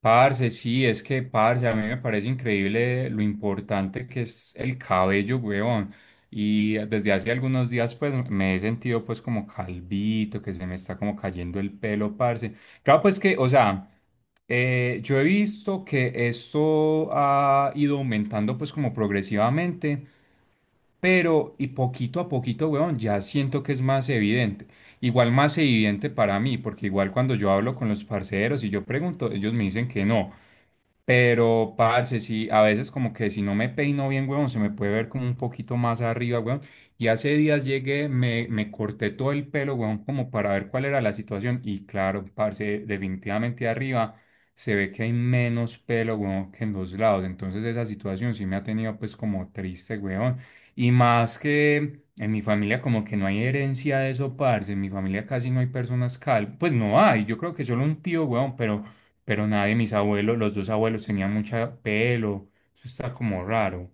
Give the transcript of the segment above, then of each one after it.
Parce, sí, es que, parce, a mí me parece increíble lo importante que es el cabello, weón. Y desde hace algunos días, pues, me he sentido, pues, como calvito, que se me está como cayendo el pelo, parce. Claro, pues que, o sea, yo he visto que esto ha ido aumentando, pues, como progresivamente, pero, y poquito a poquito, weón, ya siento que es más evidente. Igual más evidente para mí, porque igual cuando yo hablo con los parceros y yo pregunto, ellos me dicen que no. Pero, parce, sí, a veces como que si no me peino bien, weón se me puede ver como un poquito más arriba, weón. Y hace días llegué, me corté todo el pelo, weón, como para ver cuál era la situación. Y claro, parce, definitivamente arriba se ve que hay menos pelo, weón, que en los lados. Entonces esa situación sí me ha tenido pues como triste, weón. Y más que en mi familia como que no hay herencia de eso, parce. En mi familia casi no hay personas calvas. Pues no hay, yo creo que solo un tío, weón, pero nadie, mis abuelos, los dos abuelos tenían mucha pelo, eso está como raro.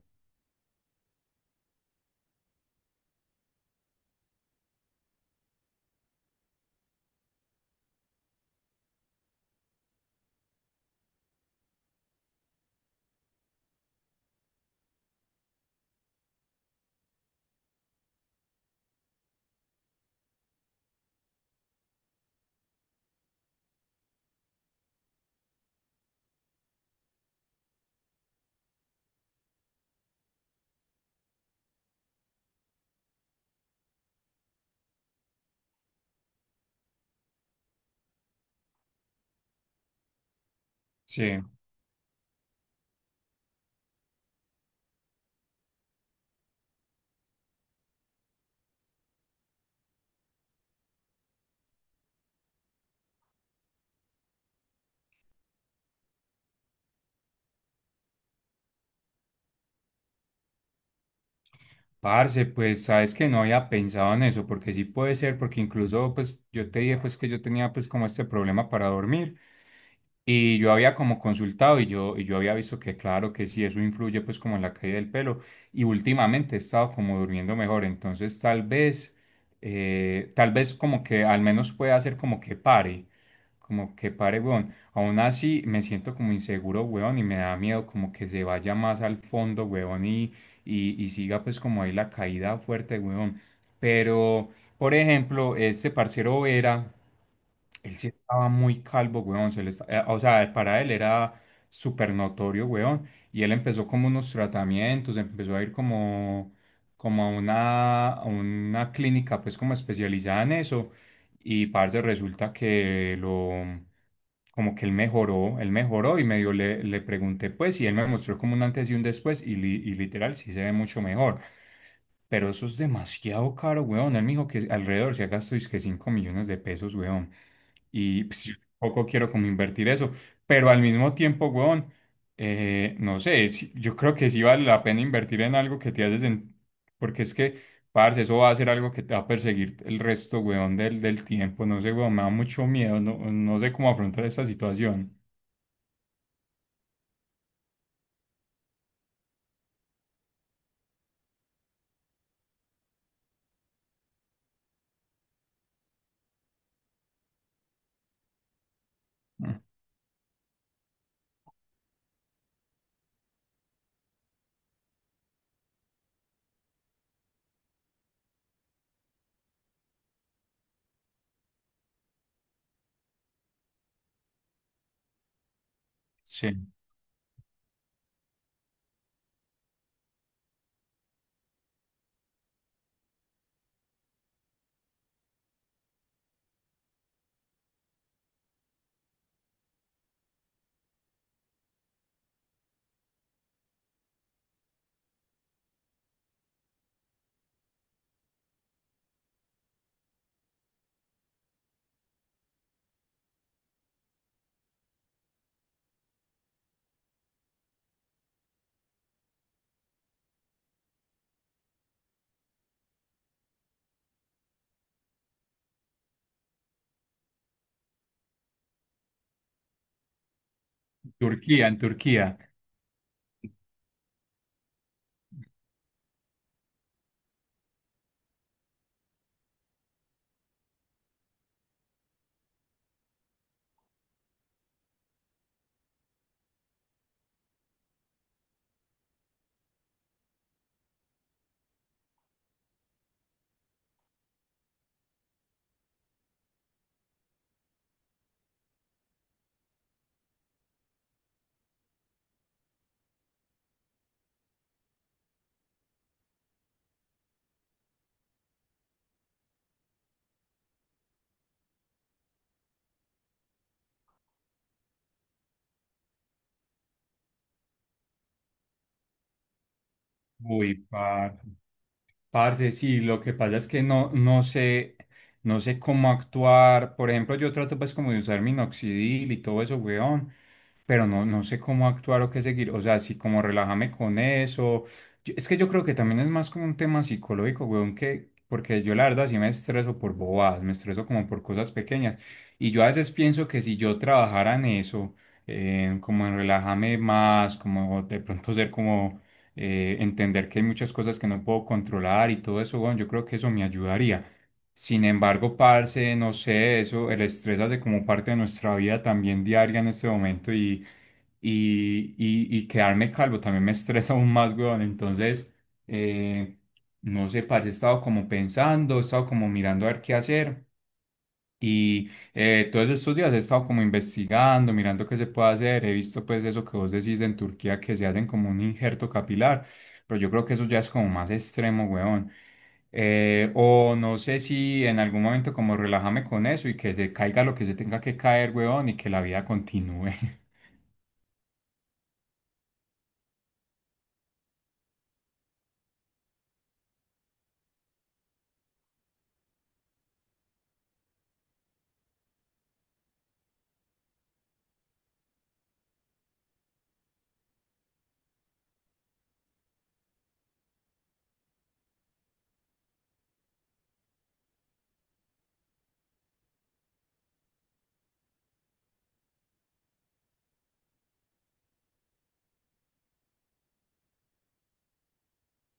Sí, parce, pues sabes que no había pensado en eso, porque sí puede ser, porque incluso pues yo te dije pues que yo tenía pues como este problema para dormir. Y yo había como consultado y yo había visto que claro que sí, eso influye pues como en la caída del pelo, y últimamente he estado como durmiendo mejor, entonces tal vez como que al menos pueda hacer como que pare, weón. Aún así me siento como inseguro, weón, y me da miedo como que se vaya más al fondo, weón, y siga pues como ahí la caída fuerte, weón. Pero, por ejemplo, este parcero Vera él sí estaba muy calvo, weón. O sea, para él era súper notorio, weón. Y él empezó como unos tratamientos, empezó a ir como, como a una clínica, pues como especializada en eso. Y parce, resulta que lo, como que él mejoró y medio le, le pregunté, pues, y él me mostró como un antes y un después. Y literal, sí se ve mucho mejor. Pero eso es demasiado caro, weón. Él me dijo que alrededor se ha gastado es que 5 millones de pesos, weón. Y pues, yo tampoco quiero como invertir eso. Pero al mismo tiempo, weón, no sé, yo creo que sí vale la pena invertir en algo que te hace sen- Porque es que, parce, eso va a ser algo que te va a perseguir el resto, weón, del tiempo. No sé, weón, me da mucho miedo. No, no sé cómo afrontar esta situación. Mm. Sí. Turquía, en Turquía. Uy, parce. Parce, sí, lo que pasa es que no, no sé, no sé cómo actuar. Por ejemplo, yo trato pues como de usar minoxidil y todo eso, weón, pero no, no sé cómo actuar o qué seguir. O sea, sí, como relájame con eso. Yo- es que yo creo que también es más como un tema psicológico, weón, que, porque yo la verdad sí me estreso por bobadas, me estreso como por cosas pequeñas. Y yo a veces pienso que si yo trabajara en eso, como en relájame más, como de pronto ser como entender que hay muchas cosas que no puedo controlar y todo eso, bueno, yo creo que eso me ayudaría. Sin embargo, parce, no sé, eso, el estrés hace como parte de nuestra vida también diaria en este momento y quedarme calvo también me estresa aún más, weón. Entonces, eh, no sé, parce, he estado como pensando, he estado como mirando a ver qué hacer. Todos estos días he estado como investigando, mirando qué se puede hacer. He visto pues eso que vos decís en Turquía que se hacen como un injerto capilar, pero yo creo que eso ya es como más extremo, weón. O no sé si en algún momento como relájame con eso y que se caiga lo que se tenga que caer, weón, y que la vida continúe.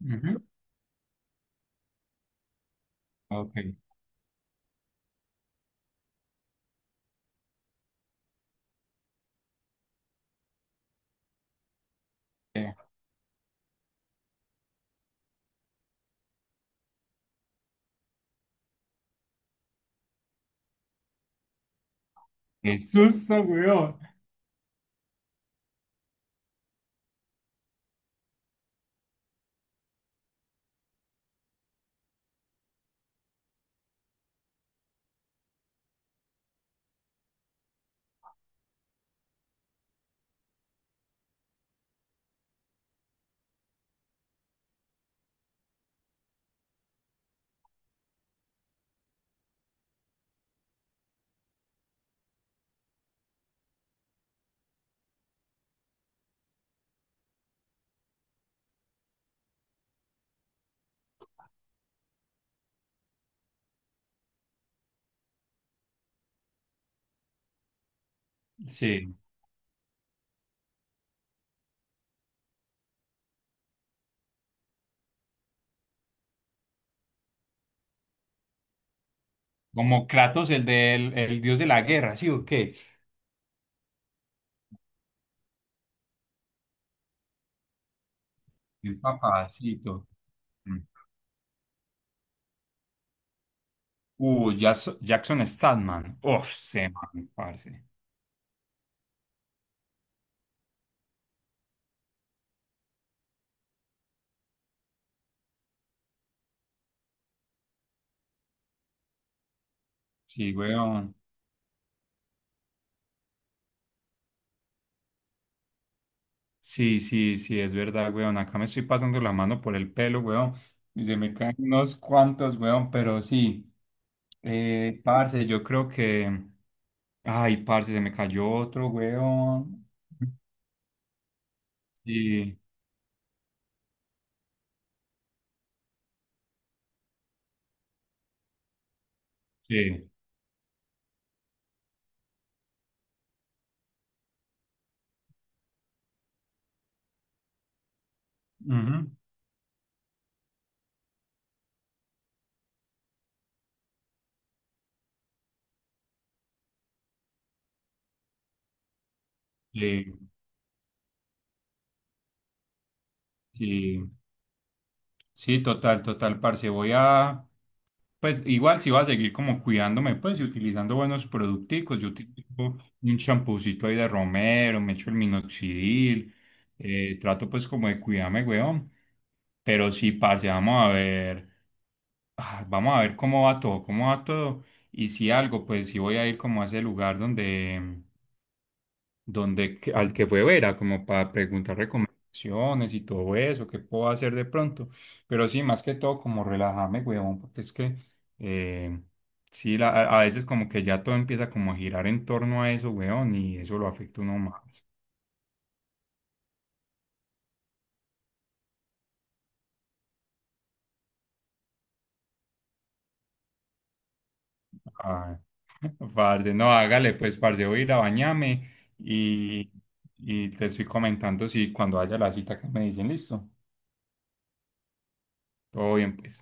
Ujú. Ok. Eh, Qué susto, weón. Sí, como Kratos, el del el dios de la guerra, ¿sí o qué? El papacito. Mm. Jackson Statman. Uf, se man, parce. Sí, weón. Sí, es verdad, weón. Acá me estoy pasando la mano por el pelo, weón. Y se me caen unos cuantos, weón, pero sí. Parce, yo creo que. Ay, parce, se me cayó otro, weón. Sí, sí. Ujú. Sí, sí. Sí, total, total, parce. Voy a. Pues igual si voy a seguir como cuidándome, pues y utilizando buenos producticos, yo utilizo un champucito ahí de romero, me echo el minoxidil, trato pues como de cuidarme, weón. Pero si parce, vamos a ver, vamos a ver cómo va todo, cómo va todo. Y si algo, pues si voy a ir como a ese lugar donde, al que fue a ver, a como para preguntar recomendaciones y todo eso, qué puedo hacer de pronto. Pero sí, más que todo, como relajarme, huevón, porque es que eh, sí, a veces como que ya todo empieza como a girar en torno a eso, huevón, y eso lo afecta uno más. Ay, parce, no, hágale, pues, parce, voy a ir a bañarme y, y te estoy comentando si cuando haya la cita que me dicen, listo, todo bien, pues.